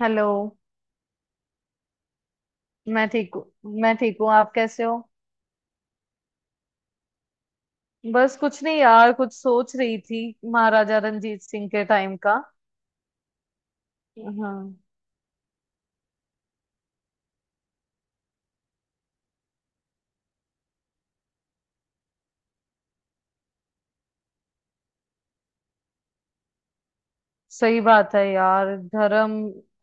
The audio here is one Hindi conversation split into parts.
हेलो। मैं ठीक हूँ। मैं ठीक हूँ, आप कैसे हो? बस कुछ नहीं यार, कुछ सोच रही थी महाराजा रणजीत सिंह के टाइम का। हाँ, सही बात है यार। धर्म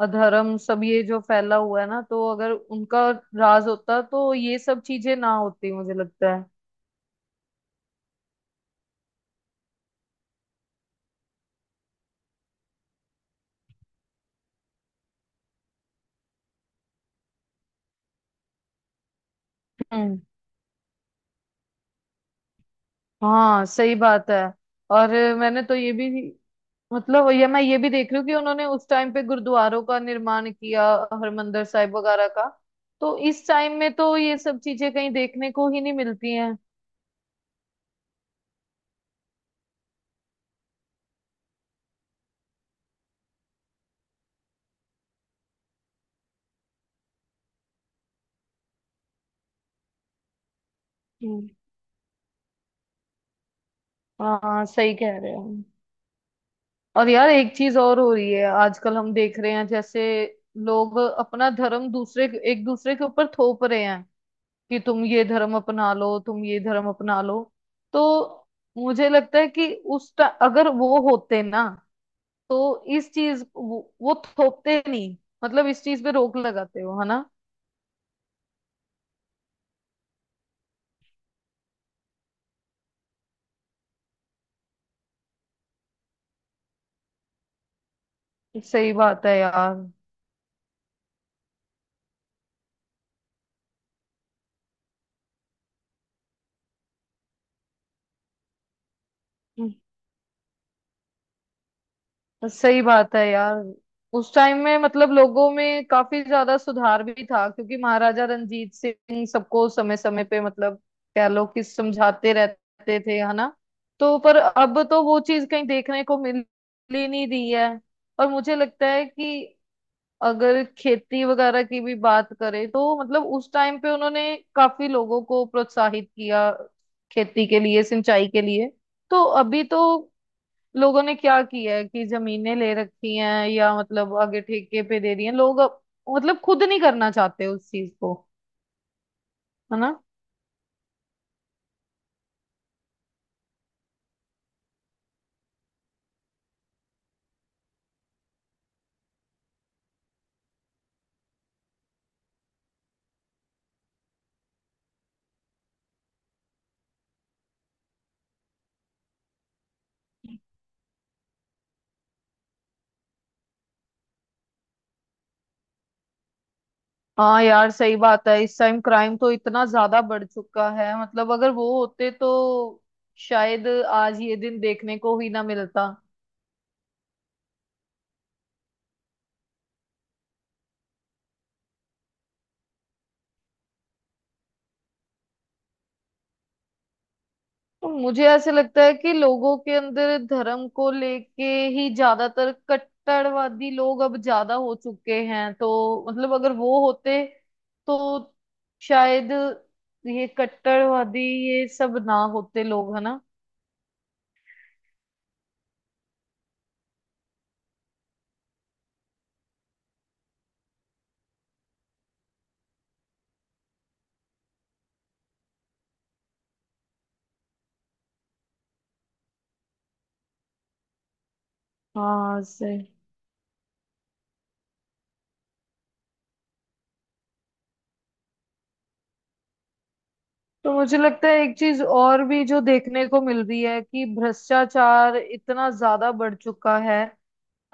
अधर्म सब ये जो फैला हुआ है ना, तो अगर उनका राज होता तो ये सब चीजें ना होती, मुझे लगता है। हाँ सही बात है। और मैंने तो ये भी मतलब, ये मैं ये भी देख रही हूँ कि उन्होंने उस टाइम पे गुरुद्वारों का निर्माण किया, हरमंदिर साहिब वगैरह का। तो इस टाइम में तो ये सब चीजें कहीं देखने को ही नहीं मिलती हैं। हम्म। हाँ सही कह रहे हो। और यार एक चीज और हो रही है आजकल, हम देख रहे हैं जैसे लोग अपना धर्म दूसरे एक दूसरे के ऊपर थोप रहे हैं कि तुम ये धर्म अपना लो, तुम ये धर्म अपना लो। तो मुझे लगता है कि अगर वो होते ना तो इस चीज वो थोपते नहीं। मतलब इस चीज पे रोक लगाते हो, है ना। सही बात है यार। सही बात है यार। उस टाइम में मतलब लोगों में काफी ज्यादा सुधार भी था क्योंकि महाराजा रणजीत सिंह सबको समय समय पे मतलब कह लो कि समझाते रहते थे, है ना। तो पर अब तो वो चीज कहीं देखने को मिल ही नहीं रही है। और मुझे लगता है कि अगर खेती वगैरह की भी बात करें तो मतलब उस टाइम पे उन्होंने काफी लोगों को प्रोत्साहित किया, खेती के लिए, सिंचाई के लिए। तो अभी तो लोगों ने क्या किया है कि जमीनें ले रखी हैं या मतलब आगे ठेके पे दे रही हैं लोग मतलब खुद नहीं करना चाहते उस चीज को, है ना। हाँ यार सही बात है, इस टाइम क्राइम तो इतना ज्यादा बढ़ चुका है, मतलब अगर वो होते तो शायद आज ये दिन देखने को ही ना मिलता। तो मुझे ऐसे लगता है कि लोगों के अंदर धर्म को लेके ही ज्यादातर कट्टरवादी लोग अब ज्यादा हो चुके हैं, तो मतलब अगर वो होते तो शायद ये कट्टरवादी ये सब ना होते लोग, है ना। हाँ सही। तो मुझे लगता है एक चीज और भी जो देखने को मिल रही है कि भ्रष्टाचार इतना ज्यादा बढ़ चुका है।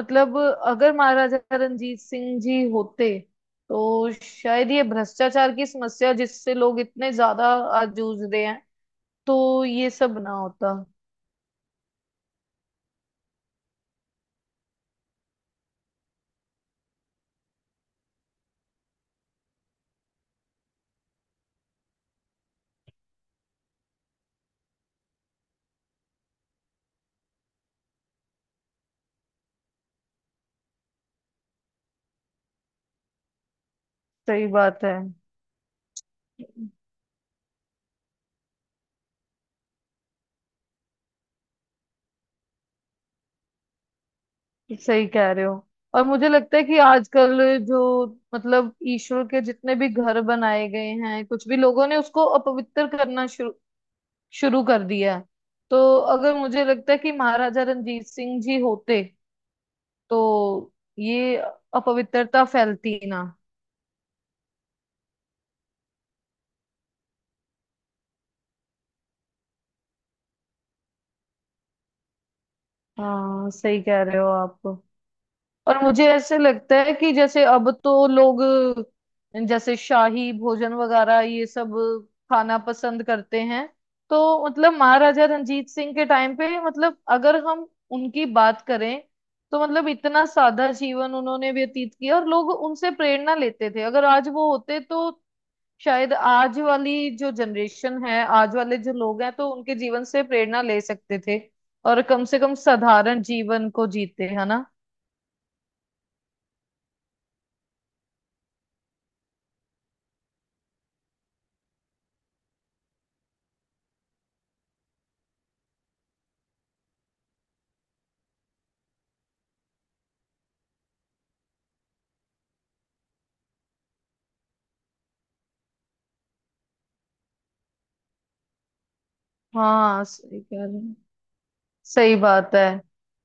मतलब अगर महाराजा रणजीत सिंह जी होते तो शायद ये भ्रष्टाचार की समस्या, जिससे लोग इतने ज्यादा आज जूझ रहे हैं, तो ये सब ना होता। सही बात है। सही कह रहे हो। और मुझे लगता है कि आजकल जो मतलब ईश्वर के जितने भी घर बनाए गए हैं कुछ भी, लोगों ने उसको अपवित्र करना शुरू शुरू कर दिया है। तो अगर मुझे लगता है कि महाराजा रणजीत सिंह जी होते तो ये अपवित्रता फैलती ना। हाँ सही कह रहे हो आप। और मुझे ऐसे लगता है कि जैसे अब तो लोग जैसे शाही भोजन वगैरह ये सब खाना पसंद करते हैं। तो मतलब महाराजा रणजीत सिंह के टाइम पे, मतलब अगर हम उनकी बात करें तो मतलब इतना सादा जीवन उन्होंने व्यतीत किया और लोग उनसे प्रेरणा लेते थे, अगर आज वो होते तो शायद आज वाली जो जनरेशन है, आज वाले जो लोग हैं, तो उनके जीवन से प्रेरणा ले सकते थे। और कम से कम साधारण जीवन को जीते, है ना। हाँ सही कह रहे हैं। सही बात है।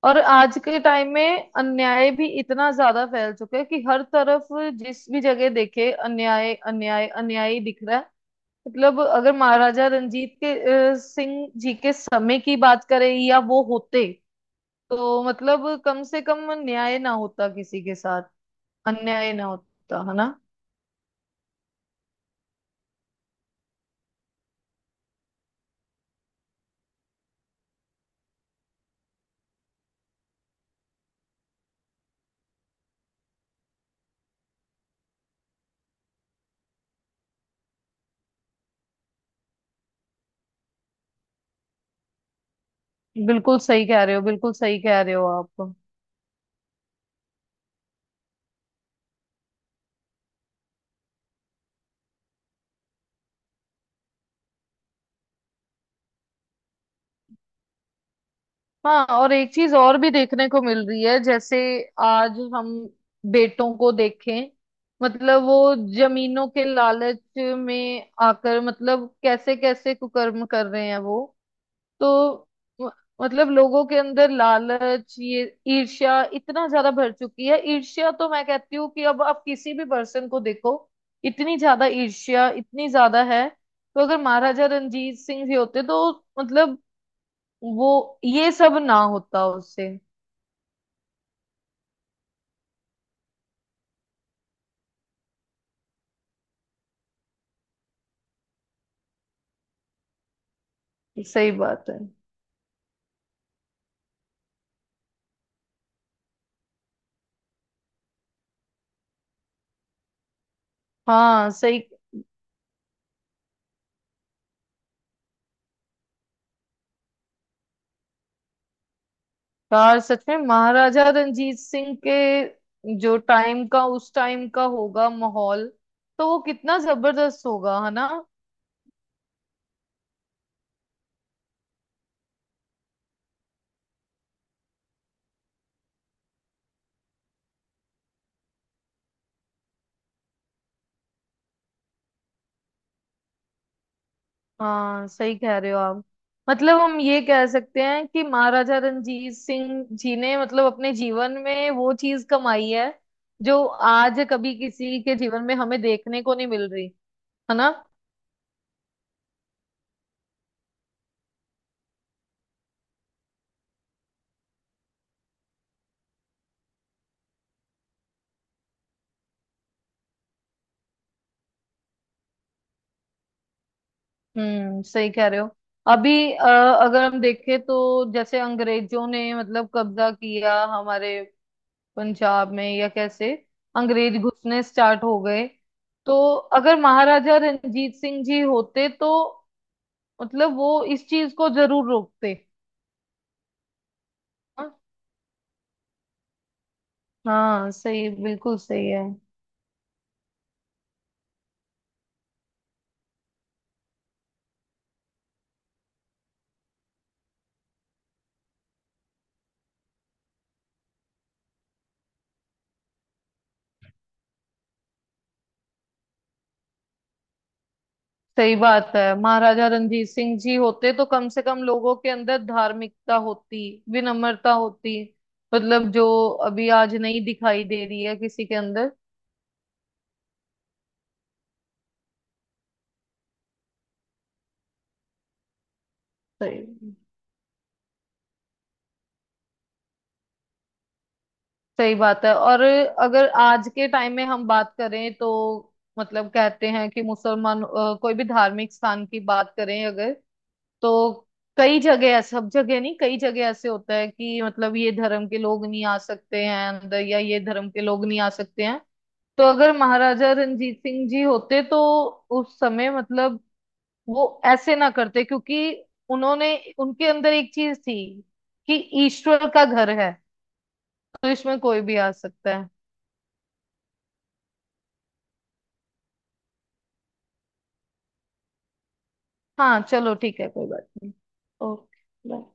और आज के टाइम में अन्याय भी इतना ज्यादा फैल चुका है कि हर तरफ जिस भी जगह देखे अन्याय अन्याय अन्याय ही दिख रहा है। मतलब अगर महाराजा रंजीत के सिंह जी के समय की बात करें या वो होते तो मतलब कम से कम न्याय ना होता किसी के साथ, अन्याय ना होता, है ना। बिल्कुल सही कह रहे हो, बिल्कुल सही कह रहे हो आप। हाँ, और एक चीज और भी देखने को मिल रही है जैसे आज हम बेटों को देखें, मतलब वो जमीनों के लालच में आकर मतलब कैसे कैसे कुकर्म कर रहे हैं वो। तो म- मतलब लोगों के अंदर लालच, ये ईर्ष्या इतना ज्यादा भर चुकी है। ईर्ष्या तो मैं कहती हूँ कि अब आप किसी भी पर्सन को देखो, इतनी ज्यादा ईर्ष्या, इतनी ज्यादा है। तो अगर महाराजा रणजीत सिंह जी होते तो मतलब वो ये सब ना होता उससे। सही बात है। हाँ सही। यार सच में महाराजा रणजीत सिंह के जो टाइम का, उस टाइम का होगा माहौल, तो वो कितना जबरदस्त होगा, है ना। हाँ सही कह रहे हो आप। मतलब हम ये कह सकते हैं कि महाराजा रणजीत सिंह जी ने मतलब अपने जीवन में वो चीज कमाई है जो आज कभी किसी के जीवन में हमें देखने को नहीं मिल रही, है ना। सही कह रहे हो। अभी अगर हम देखें तो जैसे अंग्रेजों ने मतलब कब्जा किया हमारे पंजाब में या कैसे अंग्रेज घुसने स्टार्ट हो गए। तो अगर महाराजा रणजीत सिंह जी होते तो मतलब वो इस चीज को जरूर रोकते। हाँ, हाँ सही, बिल्कुल सही है। सही बात है, महाराजा रणजीत सिंह जी होते तो कम से कम लोगों के अंदर धार्मिकता होती, विनम्रता होती। मतलब जो अभी आज नहीं दिखाई दे रही है किसी के अंदर। सही। सही बात है। और अगर आज के टाइम में हम बात करें तो मतलब कहते हैं कि मुसलमान कोई भी धार्मिक स्थान की बात करें अगर, तो कई जगह, सब जगह नहीं, कई जगह ऐसे होता है कि मतलब ये धर्म के लोग नहीं आ सकते हैं अंदर या ये धर्म के लोग नहीं आ सकते हैं। तो अगर महाराजा रणजीत सिंह जी होते तो उस समय मतलब वो ऐसे ना करते क्योंकि उन्होंने उनके अंदर एक चीज थी कि ईश्वर का घर है तो इसमें कोई भी आ सकता है। हाँ चलो ठीक है, कोई बात नहीं। ओके।